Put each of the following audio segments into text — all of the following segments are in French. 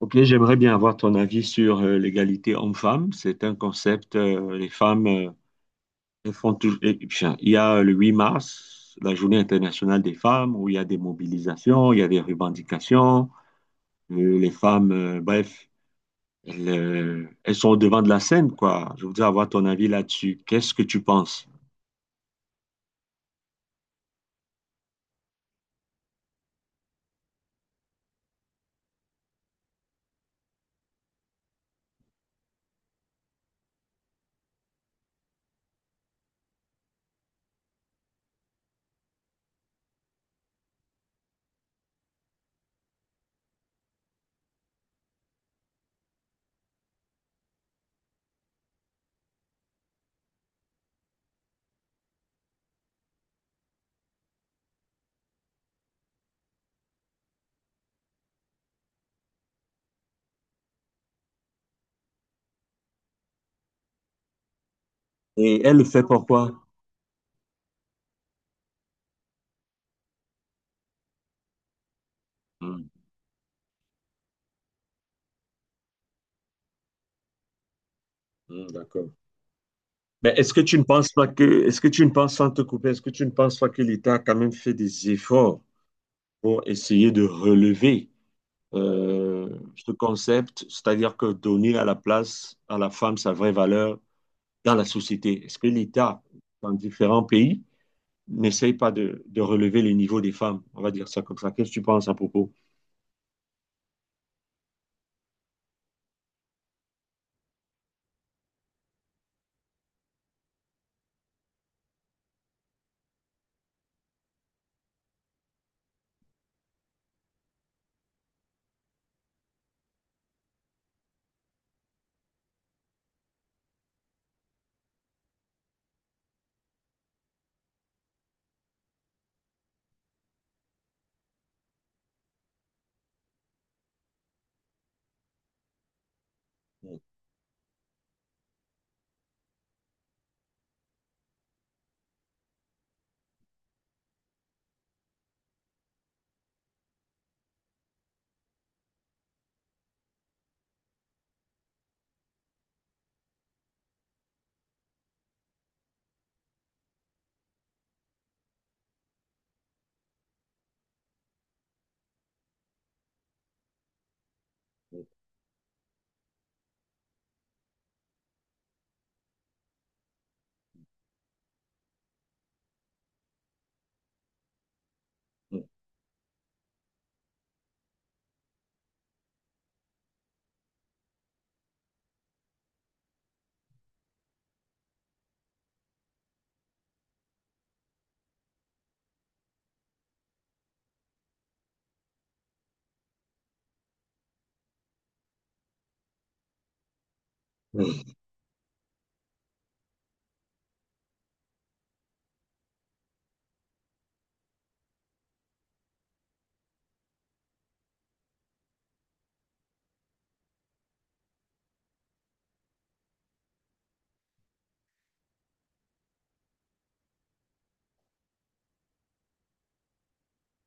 Ok, j'aimerais bien avoir ton avis sur l'égalité homme-femme. C'est un concept, les femmes. Elles font toujours. Il y a le 8 mars, la Journée internationale des femmes, où il y a des mobilisations, il y a des revendications. Les femmes, bref, elles, elles sont au devant de la scène, quoi. Je voudrais avoir ton avis là-dessus. Qu'est-ce que tu penses? Et elle le fait pourquoi? Hmm, hmm, d'accord. Mais est-ce que tu ne penses pas que, est-ce que tu ne penses, sans te couper, est-ce que tu ne penses pas que l'État a quand même fait des efforts pour essayer de relever euh, ce concept, c'est-à-dire que donner à la place à la femme sa vraie valeur dans la société. Est-ce que l'État, dans différents pays, n'essaye pas de relever le niveau des femmes? On va dire ça comme ça. Qu'est-ce que tu penses à propos?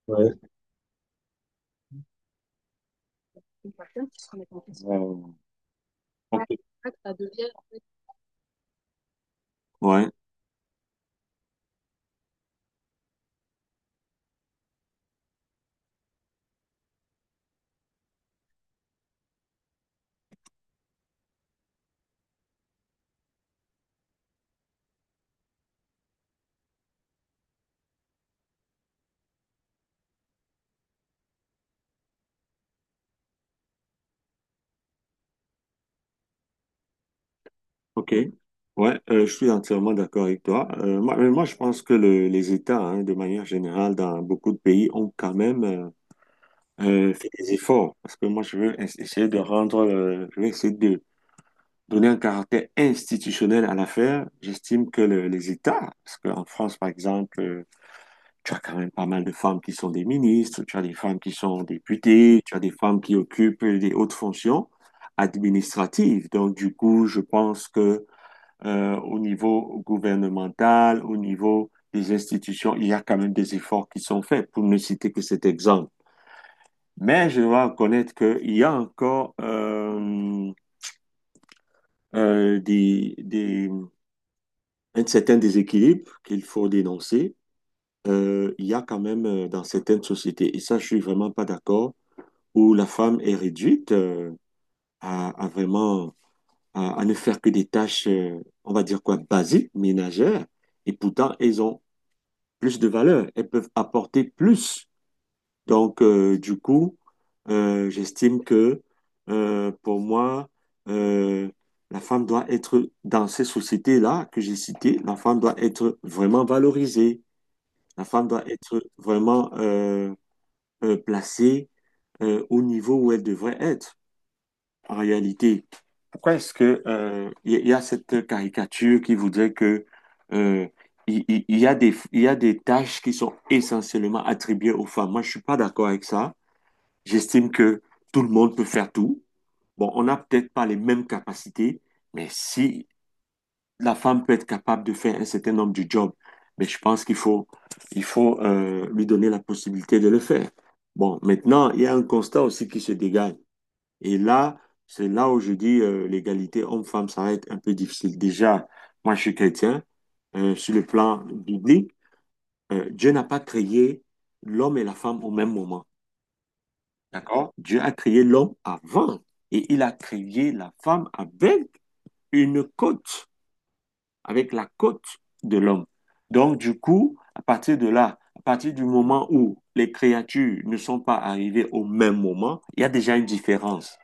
Ouais. Euh, ok. Ouais, ok. Ouais, je suis entièrement d'accord avec toi. Mais moi, je pense que le- les États, hein, de manière générale, dans beaucoup de pays, ont quand même fais des efforts parce que moi je veux ess- essayer de rendre, je veux essayer de donner un caractère institutionnel à l'affaire. J'estime que le- les États, parce qu'en France par exemple, tu as quand même pas mal de femmes qui sont des ministres, tu as des femmes qui sont députées, tu as des femmes qui occupent des hautes fonctions administratives. Donc du coup, je pense que au niveau gouvernemental, au niveau des institutions, il y a quand même des efforts qui sont faits, pour ne citer que cet exemple. Mais je dois reconnaître qu'il y a encore euh, des, des- un certain déséquilibre qu'il faut dénoncer. Il y a quand même dans certaines sociétés, et ça je suis vraiment pas d'accord, où la femme est réduite à vraiment à ne faire que des tâches, on va dire quoi, basiques, ménagères, et pourtant elles ont plus de valeur, elles peuvent apporter plus. Donc, du coup, j'estime que pour moi, euh, la femme doit être, dans ces sociétés-là que j'ai citées, la femme doit être vraiment valorisée, la femme doit être vraiment placée au niveau où elle devrait être en réalité. Pourquoi est-ce que il y a cette caricature qui voudrait que euh, il y a des tâches qui sont essentiellement attribuées aux femmes. Moi, je suis pas d'accord avec ça. J'estime que tout le monde peut faire tout. Bon, on n'a peut-être pas les mêmes capacités, mais si la femme peut être capable de faire un certain nombre de jobs, mais je pense il faut lui donner la possibilité de le faire. Bon, maintenant, il y a un constat aussi qui se dégage. Et là, c'est là où je dis l'égalité homme-femme, ça va être un peu difficile. Déjà, moi, je suis chrétien. Sur le plan biblique, Dieu n'a pas créé l'homme et la femme au même moment. D'accord? Dieu a créé l'homme avant et il a créé la femme avec une côte, avec la côte de l'homme. Donc, du coup, à partir de là, à partir du moment où les créatures ne sont pas arrivées au même moment, il y a déjà une différence.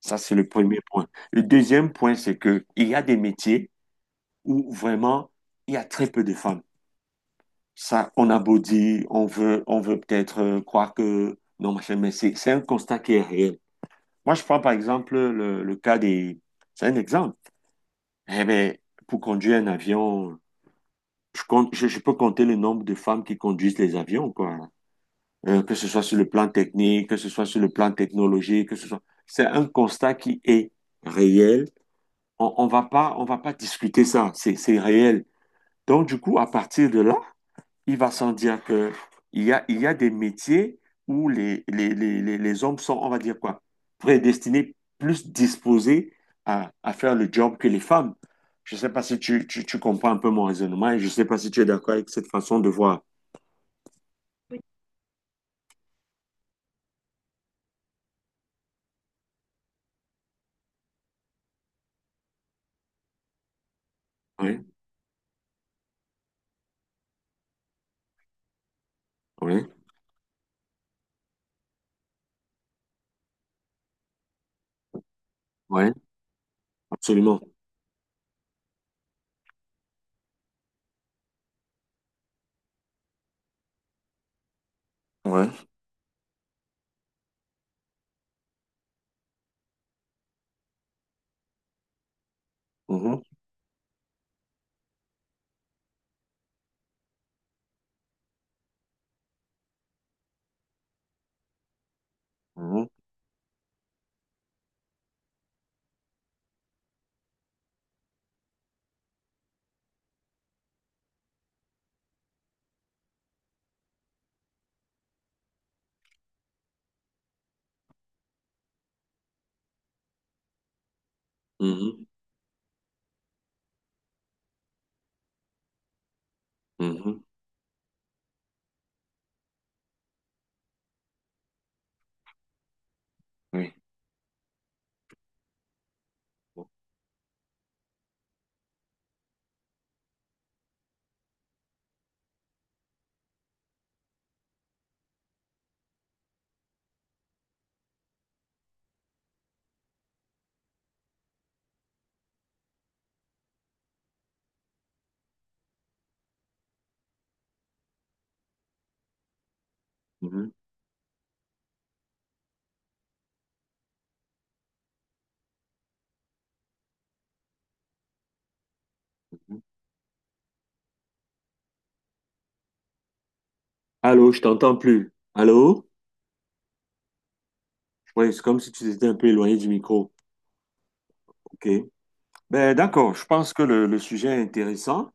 Ça, c'est le premier point. Le deuxième point, c'est que il y a des métiers où vraiment il y a très peu de femmes. Ça, on a beau dire, on veut peut-être croire que non, machin, mais c'est un constat qui est réel. Moi, je prends par exemple le cas des... C'est un exemple. Eh bien, pour conduire un avion, je peux compter le nombre de femmes qui conduisent les avions, quoi. Que ce soit sur le plan technique, que ce soit sur le plan technologique, que ce soit... C'est un constat qui est réel. On va pas discuter ça. C'est réel. Donc, du coup, à partir de là, il va sans dire que il y a des métiers où les hommes sont, on va dire quoi, prédestinés, plus à faire le job que les femmes. Je ne sais pas si tu comprends un peu mon raisonnement et je ne sais pas si tu es d'accord avec cette façon de voir. Oui, oui, oui, absolument. Oui. Mhm, mhm, mhm, mhm, oui. Mhm, mhm. Allô, je t'entends plus. Allô? Oui, c'est comme si tu étais un peu éloigné du micro. OK. Ben, d'accord, je pense que le sujet est intéressant.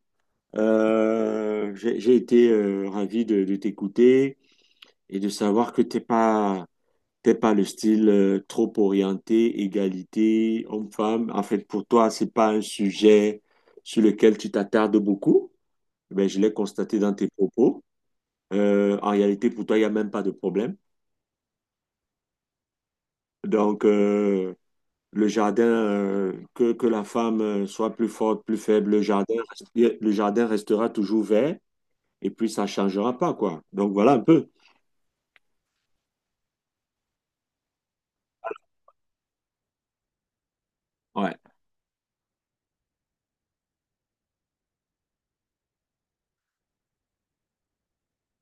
J'ai été ravi de t'écouter et de savoir que t'es pas le style trop orienté égalité homme-femme. En fait, pour toi, c'est pas un sujet sur lequel tu t'attardes beaucoup. Ben, je l'ai constaté dans tes propos. En réalité, pour toi, il y a même pas de problème. Donc, le jardin, que la femme soit plus forte, plus faible, le jardin, le jardin restera toujours vert et puis ça changera pas, quoi. Donc, voilà un peu. Ouais.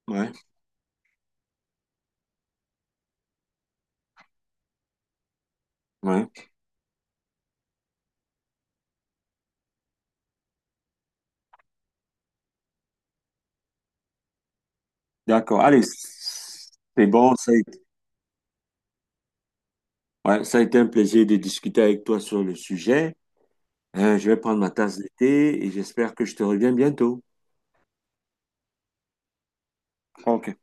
Ouais, ouais. D'accord. Allez, c'est bon. Ouais, ça a été un plaisir de discuter avec toi sur le sujet. Je vais prendre ma tasse de thé et j'espère que je te reviens bientôt. OK.